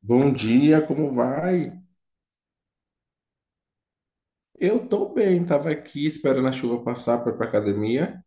Bom dia, como vai? Eu tô bem, tava aqui esperando a chuva passar para ir pra academia.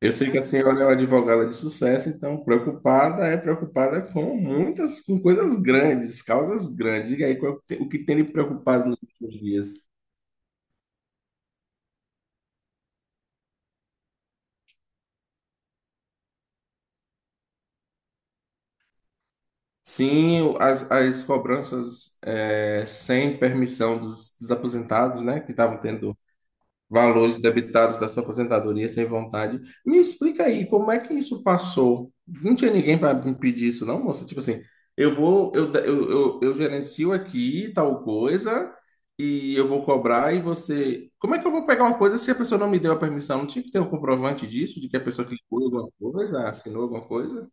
Eu sei que a senhora é uma advogada de sucesso, então preocupada é preocupada com muitas, com coisas grandes, causas grandes. Diga aí o que tem lhe preocupado nos últimos dias? Sim, as cobranças sem permissão dos aposentados, né, que estavam tendo valores debitados da sua aposentadoria sem vontade. Me explica aí, como é que isso passou? Não tinha ninguém para impedir isso, não, moça? Tipo assim, eu vou, eu gerencio aqui tal coisa e eu vou cobrar e você. Como é que eu vou pegar uma coisa se a pessoa não me deu a permissão? Não tinha que ter um comprovante disso, de que a pessoa clicou em alguma coisa, assinou alguma coisa?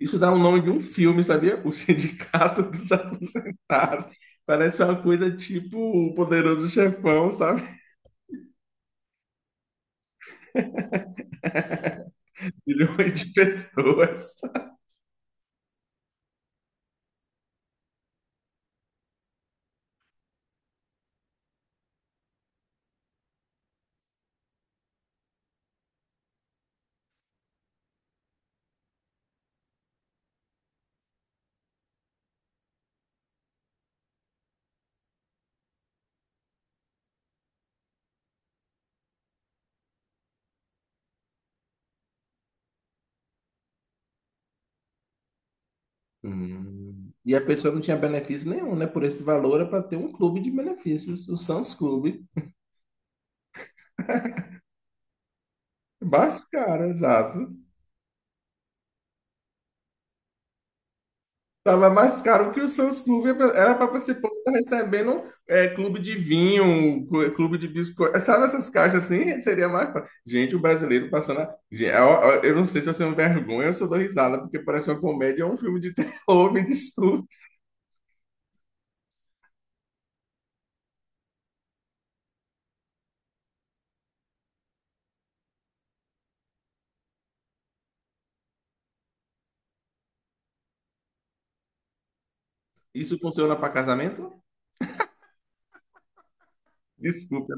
Isso dá o nome de um filme, sabia? O Sindicato dos Aposentados. Parece uma coisa tipo o Poderoso Chefão, sabe? Milhões de pessoas. Hum. E a pessoa não tinha benefício nenhum, né? Por esse valor é para ter um clube de benefícios, o Suns Clube. É mais caro, exato. Tava mais caro que o Suns Clube. Era para esse povo estar recebendo é, clube de vinho, clube de biscoito. É, sabe essas caixas assim? Gente, o brasileiro passando. Eu não sei se eu sou uma vergonha ou se eu dou risada, porque parece uma comédia ou um filme de terror. Me desculpe. Isso funciona para casamento? Desculpe.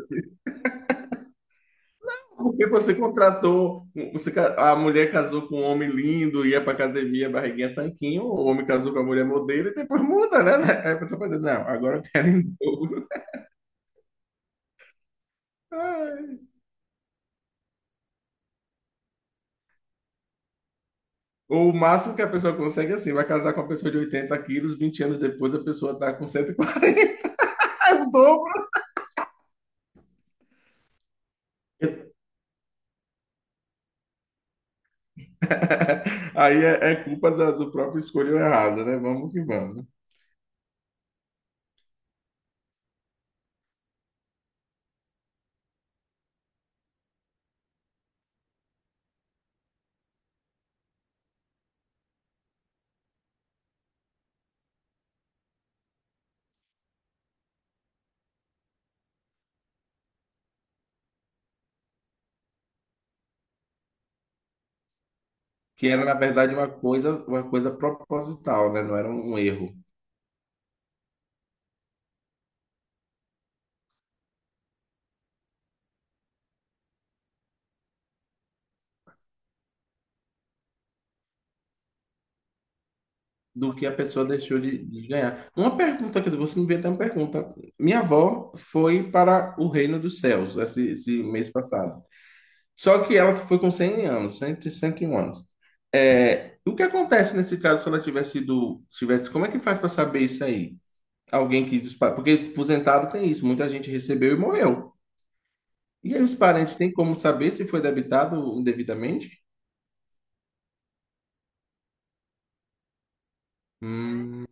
Porque você contratou, um, você, a mulher casou com um homem lindo, ia pra academia, barriguinha, tanquinho, o homem casou com a mulher modelo e depois muda, né? Né? Aí a pessoa fazendo, não, agora eu quero em dobro. Ai. Ou o máximo que a pessoa consegue, é assim, vai casar com uma pessoa de 80 quilos, 20 anos depois a pessoa tá com 140, é o dobro. Aí é, é culpa do próprio escolho errado, né? Vamos. Que era, na verdade, uma coisa proposital, né? Não era um erro. Do que a pessoa deixou de ganhar. Uma pergunta, quer dizer, você me veio até uma pergunta. Minha avó foi para o reino dos céus esse mês passado. Só que ela foi com 100 anos, cem, cento e 101 anos. É, o que acontece nesse caso se ela tivesse sido, tivesse, como é que faz para saber isso aí? Alguém que dos pa- porque aposentado tem isso, muita gente recebeu e morreu. E aí os parentes têm como saber se foi debitado indevidamente? Hum.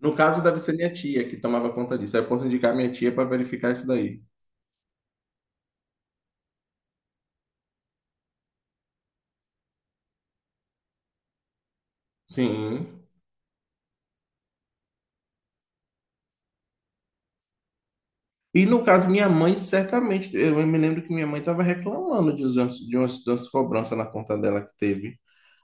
No caso, deve ser minha tia que tomava conta disso. Aí eu posso indicar minha tia para verificar isso daí. Sim. E no caso, minha mãe, certamente, eu me lembro que minha mãe estava reclamando de umas cobranças na conta dela que teve.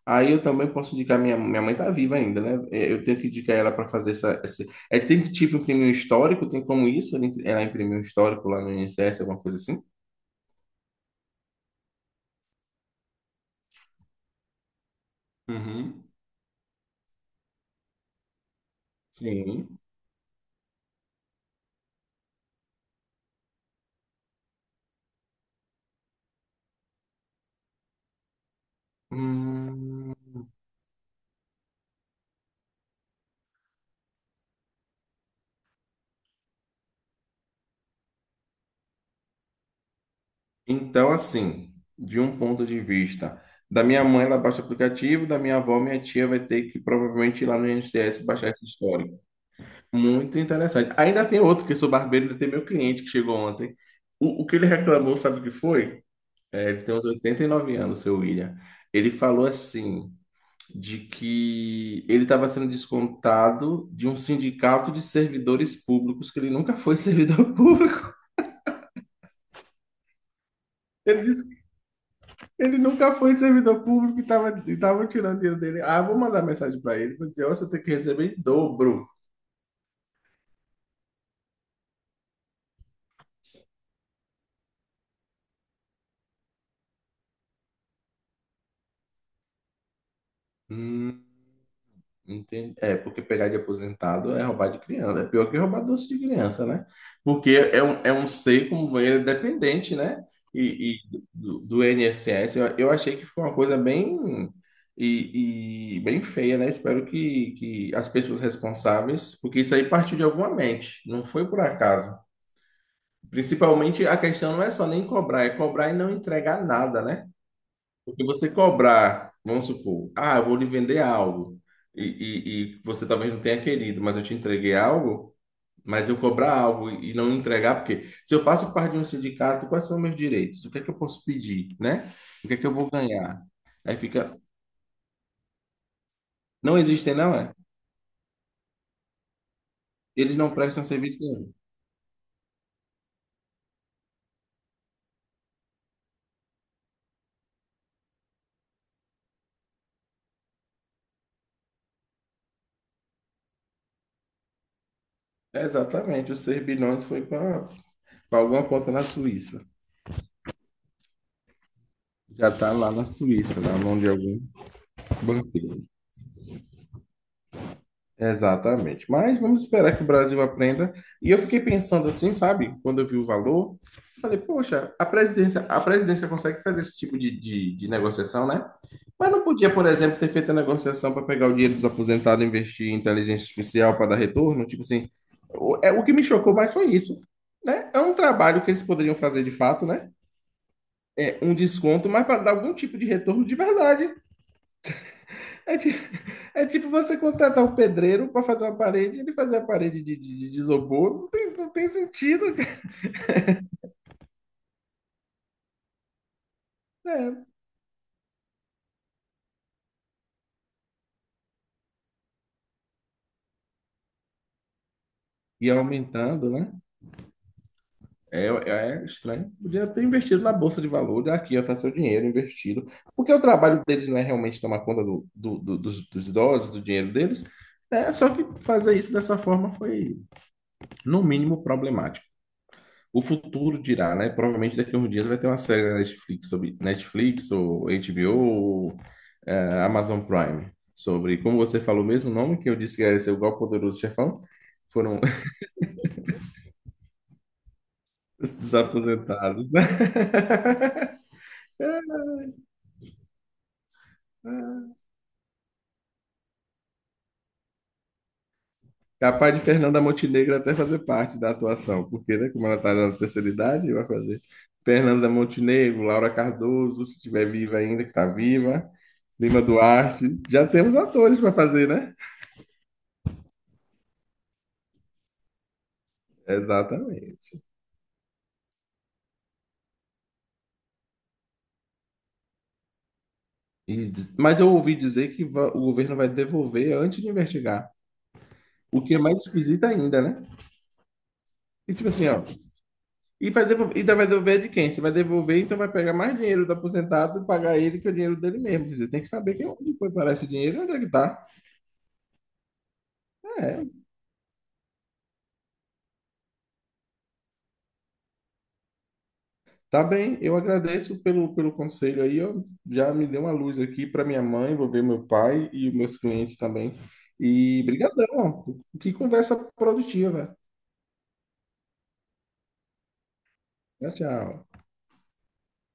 Aí eu também posso indicar, minha mãe está viva ainda, né? É, eu tenho que indicar ela para fazer tem que tipo imprimir um histórico, tem como isso? Ela imprimir um histórico lá no INSS, alguma coisa assim? Uhum. Sim. Hum, então, assim, de um ponto de vista, da minha mãe ela baixa o aplicativo, da minha avó, minha tia vai ter que provavelmente ir lá no INSS baixar esse histórico. Muito interessante. Ainda tem outro, que eu sou barbeiro, ainda tem meu cliente que chegou ontem. O que ele reclamou, sabe o que foi? É, ele tem uns 89 anos, seu William. Ele falou assim, de que ele estava sendo descontado de um sindicato de servidores públicos, que ele nunca foi servidor público. Ele disse que ele nunca foi servidor público e estava tirando dinheiro dele. Ah, eu vou mandar mensagem para ele, vou dizer, "Ó, você tem que receber em dobro. Entendi. É, porque pegar de aposentado é roubar de criança. É pior que roubar doce de criança, né? Porque é um ser como ele é dependente, né? E do, do INSS, eu achei que ficou uma coisa bem e bem feia, né? Espero que as pessoas responsáveis, porque isso aí partiu de alguma mente, não foi por acaso. Principalmente a questão não é só nem cobrar, é cobrar e não entregar nada, né? Porque você cobrar, vamos supor, ah, eu vou lhe vender algo, e, e você talvez não tenha querido, mas eu te entreguei algo, mas eu cobrar algo e não entregar, porque se eu faço parte de um sindicato, quais são meus direitos? O que é que eu posso pedir, né? O que é que eu vou ganhar? Aí fica, não existem, não é? Eles não prestam serviço nenhum. Exatamente, os 6 bilhões foi para alguma conta na Suíça. Já está lá na Suíça, na mão de algum banqueiro. Exatamente. Mas vamos esperar que o Brasil aprenda. E eu fiquei pensando assim, sabe? Quando eu vi o valor, falei, poxa, a presidência consegue fazer esse tipo de negociação, né? Mas não podia, por exemplo, ter feito a negociação para pegar o dinheiro dos aposentados e investir em inteligência artificial para dar retorno? Tipo assim, o que me chocou mais foi isso, né? É um trabalho que eles poderiam fazer de fato, né? É um desconto, mas para dar algum tipo de retorno de verdade. É, ti- é tipo você contratar um pedreiro para fazer uma parede, ele fazer a parede de isopor, não tem sentido, cara. É. E aumentando, né? É, é estranho. Podia ter investido na bolsa de valores, aqui, ó, tá seu dinheiro investido. Porque o trabalho deles não é realmente tomar conta dos idosos, do dinheiro deles. É, só que fazer isso dessa forma foi, no mínimo, problemático. O futuro dirá, né? Provavelmente daqui a uns dias vai ter uma série na Netflix sobre Netflix ou HBO ou Amazon Prime sobre, como você falou o mesmo nome que eu disse que era seu igual poderoso chefão, foram os desaposentados, né? Capaz de Fernanda Montenegro até fazer parte da atuação, porque, né, como ela está na terceira idade, vai fazer Fernanda Montenegro, Laura Cardoso, se estiver viva ainda, que está viva, Lima Duarte. Já temos atores para fazer, né? Exatamente. Mas eu ouvi dizer que o governo vai devolver antes de investigar. O que é mais esquisito ainda, né? E tipo assim, ó. E vai devolver, ainda vai devolver de quem? Se vai devolver, então vai pegar mais dinheiro do aposentado e pagar ele que é o dinheiro dele mesmo. Quer dizer, tem que saber quem, onde foi parar esse dinheiro e onde é que tá. É, tá bem. Eu agradeço pelo, pelo conselho aí, ó. Já me deu uma luz aqui para minha mãe, vou ver meu pai e os meus clientes também. E brigadão, ó. Que conversa produtiva, velho. Tchau, tchau.